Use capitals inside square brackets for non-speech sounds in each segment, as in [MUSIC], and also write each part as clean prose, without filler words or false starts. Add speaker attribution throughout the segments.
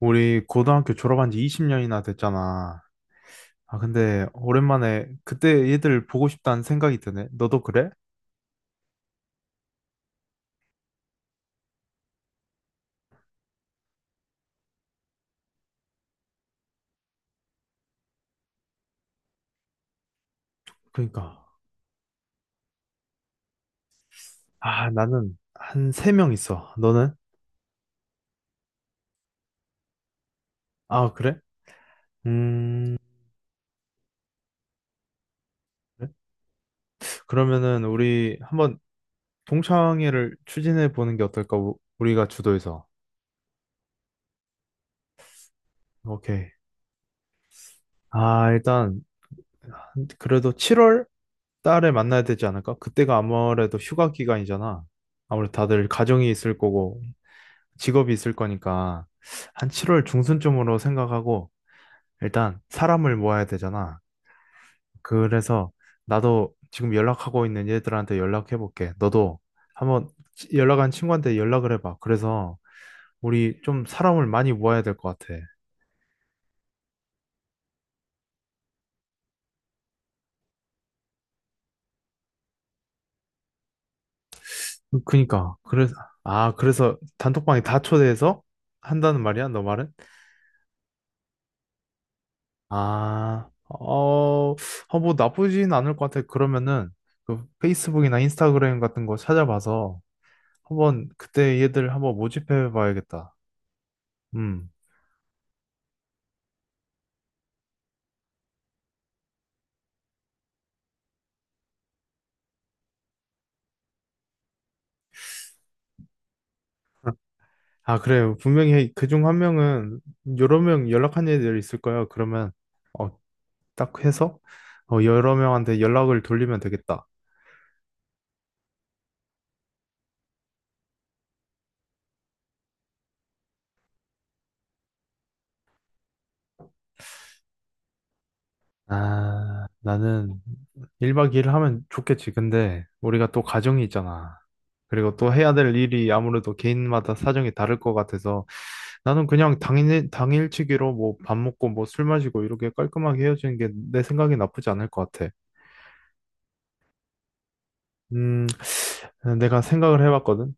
Speaker 1: 우리 고등학교 졸업한 지 20년이나 됐잖아. 아, 근데 오랜만에 그때 얘들 보고 싶다는 생각이 드네. 너도 그래? 그러니까. 아, 나는 한 세 명 있어. 너는? 아, 그래? 음, 그래? 그러면은 우리 한번 동창회를 추진해 보는 게 어떨까? 우리가 주도해서. 오케이. 아, 일단 그래도 7월 달에 만나야 되지 않을까? 그때가 아무래도 휴가 기간이잖아. 아무래도 다들 가정이 있을 거고 직업이 있을 거니까 한 7월 중순쯤으로 생각하고 일단 사람을 모아야 되잖아. 그래서 나도 지금 연락하고 있는 얘들한테 연락해 볼게. 너도 한번 연락한 친구한테 연락을 해봐. 그래서 우리 좀 사람을 많이 모아야 될 것 같아. 그니까 그래서 단톡방에 다 초대해서 한다는 말이야? 너 말은? 아, 어, 뭐 나쁘진 않을 것 같아. 그러면은 그 페이스북이나 인스타그램 같은 거 찾아봐서 한번 그때 얘들 한번 모집해 봐야겠다. 음. 아, 그래요. 분명히 그중 한 명은 여러 명 연락한 애들 있을 거예요. 그러면 어, 딱 해서 여러 명한테 연락을 돌리면 되겠다. 아, 나는 1박 2일 하면 좋겠지. 근데 우리가 또 가정이 있잖아. 그리고 또 해야 될 일이 아무래도 개인마다 사정이 다를 것 같아서 나는 그냥 당일치기로 뭐 밥 먹고 뭐 술 마시고 이렇게 깔끔하게 헤어지는 게 내 생각이 나쁘지 않을 것 같아. 음, 내가 생각을 해봤거든.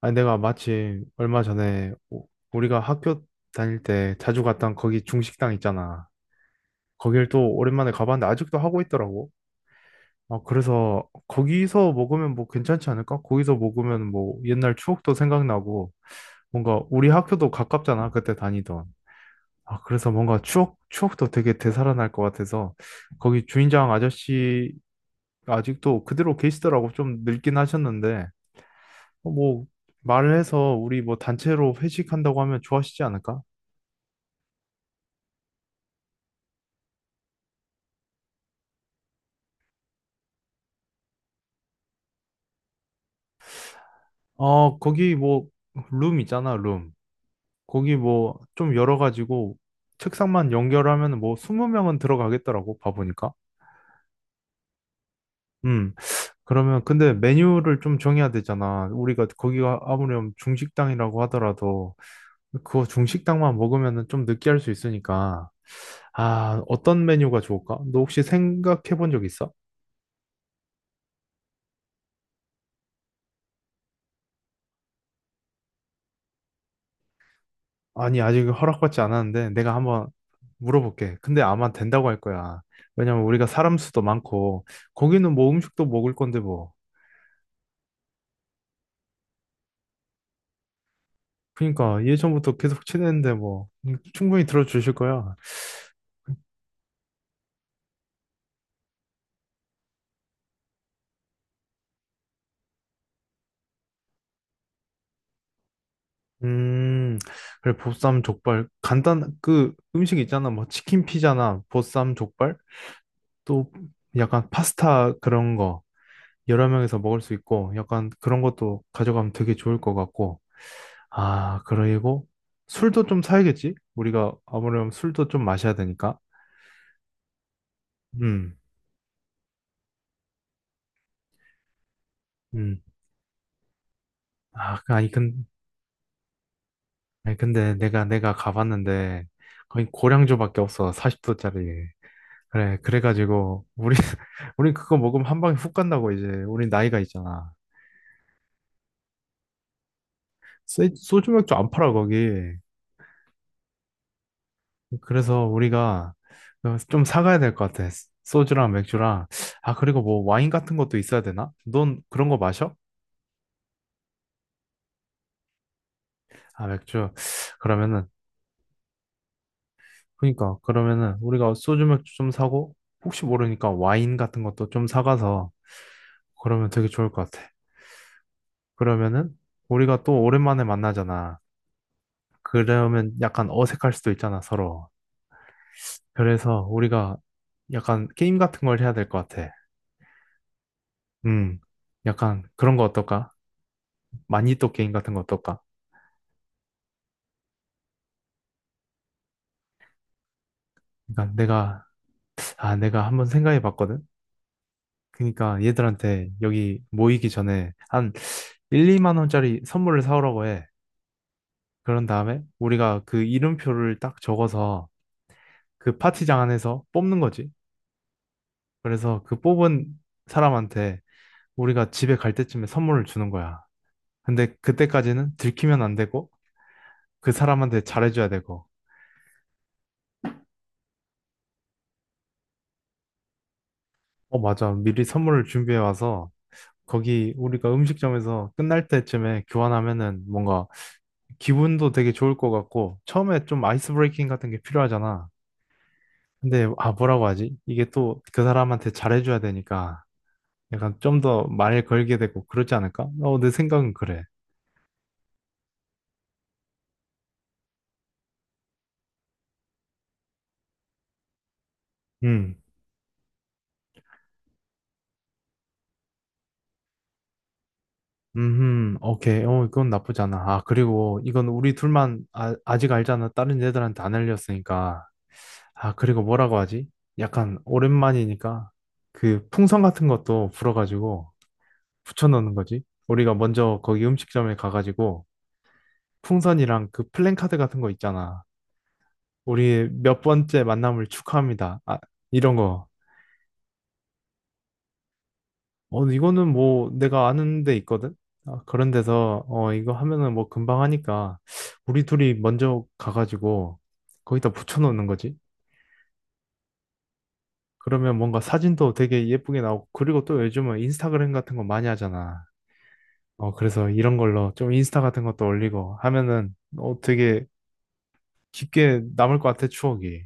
Speaker 1: 아니, 내가 마침 얼마 전에 우리가 학교 다닐 때 자주 갔던 거기 중식당 있잖아. 거길 또 오랜만에 가봤는데 아직도 하고 있더라고. 아, 그래서 거기서 먹으면 뭐 괜찮지 않을까? 거기서 먹으면 뭐 옛날 추억도 생각나고 뭔가 우리 학교도 가깝잖아. 그때 다니던. 아, 그래서 뭔가 추억도 되게 되살아날 것 같아서 거기 주인장 아저씨 아직도 그대로 계시더라고. 좀 늙긴 하셨는데. 뭐 말을 해서 우리 뭐 단체로 회식한다고 하면 좋아하시지 않을까? 거기 뭐 룸 있잖아, 룸. 거기 뭐 좀 열어 가지고 책상만 연결하면 뭐 20명은 들어가겠더라고, 봐보니까. 음. 그러면 근데 메뉴를 좀 정해야 되잖아. 우리가 거기가 아무렴 중식당이라고 하더라도 그거 중식당만 먹으면은 좀 느끼할 수 있으니까. 아, 어떤 메뉴가 좋을까? 너 혹시 생각해 본 적 있어? 아니, 아직 허락받지 않았는데 내가 한번 물어볼게. 근데 아마 된다고 할 거야. 왜냐면 우리가 사람 수도 많고 거기는 뭐 음식도 먹을 건데 뭐. 그러니까 예전부터 계속 친했는데 뭐 충분히 들어주실 거야. 음, 그래 보쌈 족발 간단 그 음식 있잖아. 뭐 치킨 피자나 보쌈 족발 또 약간 파스타 그런 거 여러 명이서 먹을 수 있고 약간 그런 것도 가져가면 되게 좋을 것 같고. 아, 그리고 술도 좀 사야겠지? 우리가 아무래도 술도 좀 마셔야 되니까. 음, 음. 아, 그- 아니, 근, 아니, 근데 내가 가봤는데 거의 고량주밖에 없어. 40도짜리. 그래, 그래가지고, 우리, [LAUGHS] 우리 그거 먹으면 한 방에 훅 간다고 이제. 우리 나이가 있잖아. 소주 맥주 안 팔아, 거기. 그래서 우리가 좀 사가야 될 것 같아. 소주랑 맥주랑. 아, 그리고 뭐 와인 같은 것도 있어야 되나? 넌 그런 거 마셔? 아, 맥주. 그러면은 그러면은 우리가 소주 맥주 좀 사고 혹시 모르니까 와인 같은 것도 좀 사가서 그러면 되게 좋을 것 같아. 그러면은 우리가 또 오랜만에 만나잖아. 그러면 약간 어색할 수도 있잖아, 서로. 그래서 우리가 약간 게임 같은 걸 해야 될 것 같아. 음, 약간 그런 거 어떨까? 마니또 게임 같은 거 어떨까? 그러니까 내가 한번 생각해 봤거든? 그러니까 얘들한테 여기 모이기 전에 한 1, 2만 원짜리 선물을 사오라고 해. 그런 다음에 우리가 그 이름표를 딱 적어서 그 파티장 안에서 뽑는 거지. 그래서 그 뽑은 사람한테 우리가 집에 갈 때쯤에 선물을 주는 거야. 근데 그때까지는 들키면 안 되고 그 사람한테 잘해줘야 되고. 어, 맞아. 미리 선물을 준비해 와서 거기 우리가 음식점에서 끝날 때쯤에 교환하면은 뭔가 기분도 되게 좋을 것 같고 처음에 좀 아이스 브레이킹 같은 게 필요하잖아. 근데 뭐라고 하지? 이게 또 그 사람한테 잘해줘야 되니까 약간 좀 더 말을 걸게 되고 그러지 않을까? 내 생각은 그래. 음, 오케이. 어, 그건 나쁘지 않아. 아, 그리고 이건 우리 둘만 아직 알잖아. 다른 애들한테 안 알렸으니까. 아, 그리고 뭐라고 하지? 약간 오랜만이니까 그 풍선 같은 것도 불어가지고 붙여넣는 거지. 우리가 먼저 거기 음식점에 가가지고 풍선이랑 그 플랜카드 같은 거 있잖아. 우리 몇 번째 만남을 축하합니다. 아, 이런 거. 이거는 뭐 내가 아는 데 있거든? 아, 그런 데서, 이거 하면은 뭐 금방 하니까, 우리 둘이 먼저 가가지고, 거기다 붙여놓는 거지. 그러면 뭔가 사진도 되게 예쁘게 나오고, 그리고 또 요즘은 인스타그램 같은 거 많이 하잖아. 그래서 이런 걸로 좀 인스타 같은 것도 올리고 하면은, 되게 깊게 남을 것 같아, 추억이.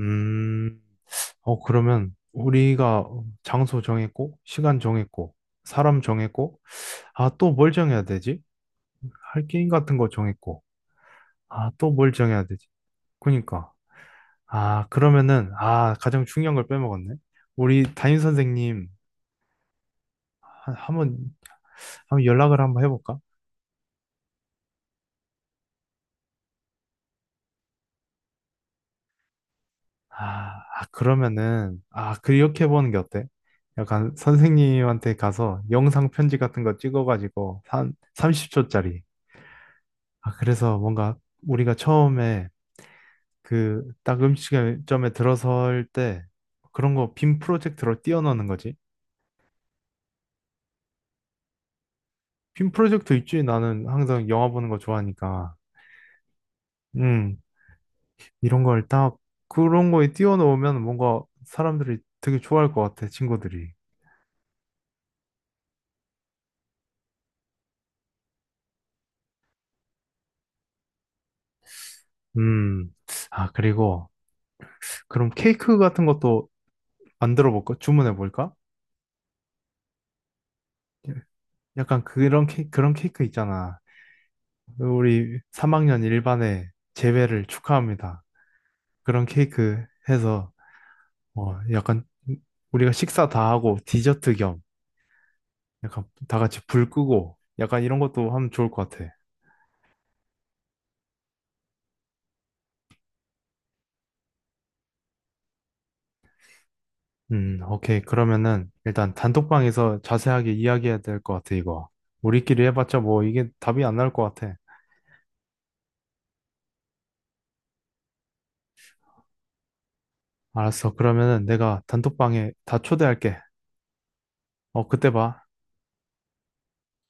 Speaker 1: 음, 그러면 우리가 장소 정했고, 시간 정했고, 사람 정했고, 아, 또 뭘 정해야 되지? 할 게임 같은 거 정했고, 아, 또 뭘 정해야 되지? 그니까. 아, 그러면은, 가장 중요한 걸 빼먹었네. 우리 담임 선생님, 한, 한번, 한번 연락을 한번 해볼까? 아, 아, 그러면은, 그렇게 해보는 게 어때? 약간 선생님한테 가서 영상 편지 같은 거 찍어가지고, 한 30초짜리. 아, 그래서 뭔가 우리가 처음에 그 딱 음식점에 들어설 때 그런 거 빔 프로젝트로 띄워넣는 거지. 빔 프로젝터 있지. 나는 항상 영화 보는 거 좋아하니까. 음, 이런 걸 딱 그런 거에 띄워놓으면 뭔가 사람들이 되게 좋아할 것 같아, 친구들이. 음, 그리고 그럼 케이크 같은 것도 만들어 볼까? 주문해 볼까? 약간 그런 케 그런 케이크 있잖아. 우리 3학년 일반의 재배를 축하합니다. 그런 케이크 해서 약간 우리가 식사 다 하고 디저트 겸 약간 다 같이 불 끄고 약간 이런 것도 하면 좋을 것 같아. 오케이. 그러면은 일단 단톡방에서 자세하게 이야기해야 될 것 같아, 이거. 우리끼리 해봤자 뭐 이게 답이 안 나올 것 같아. 알았어. 그러면은 내가 단톡방에 다 초대할게. 어, 그때 봐.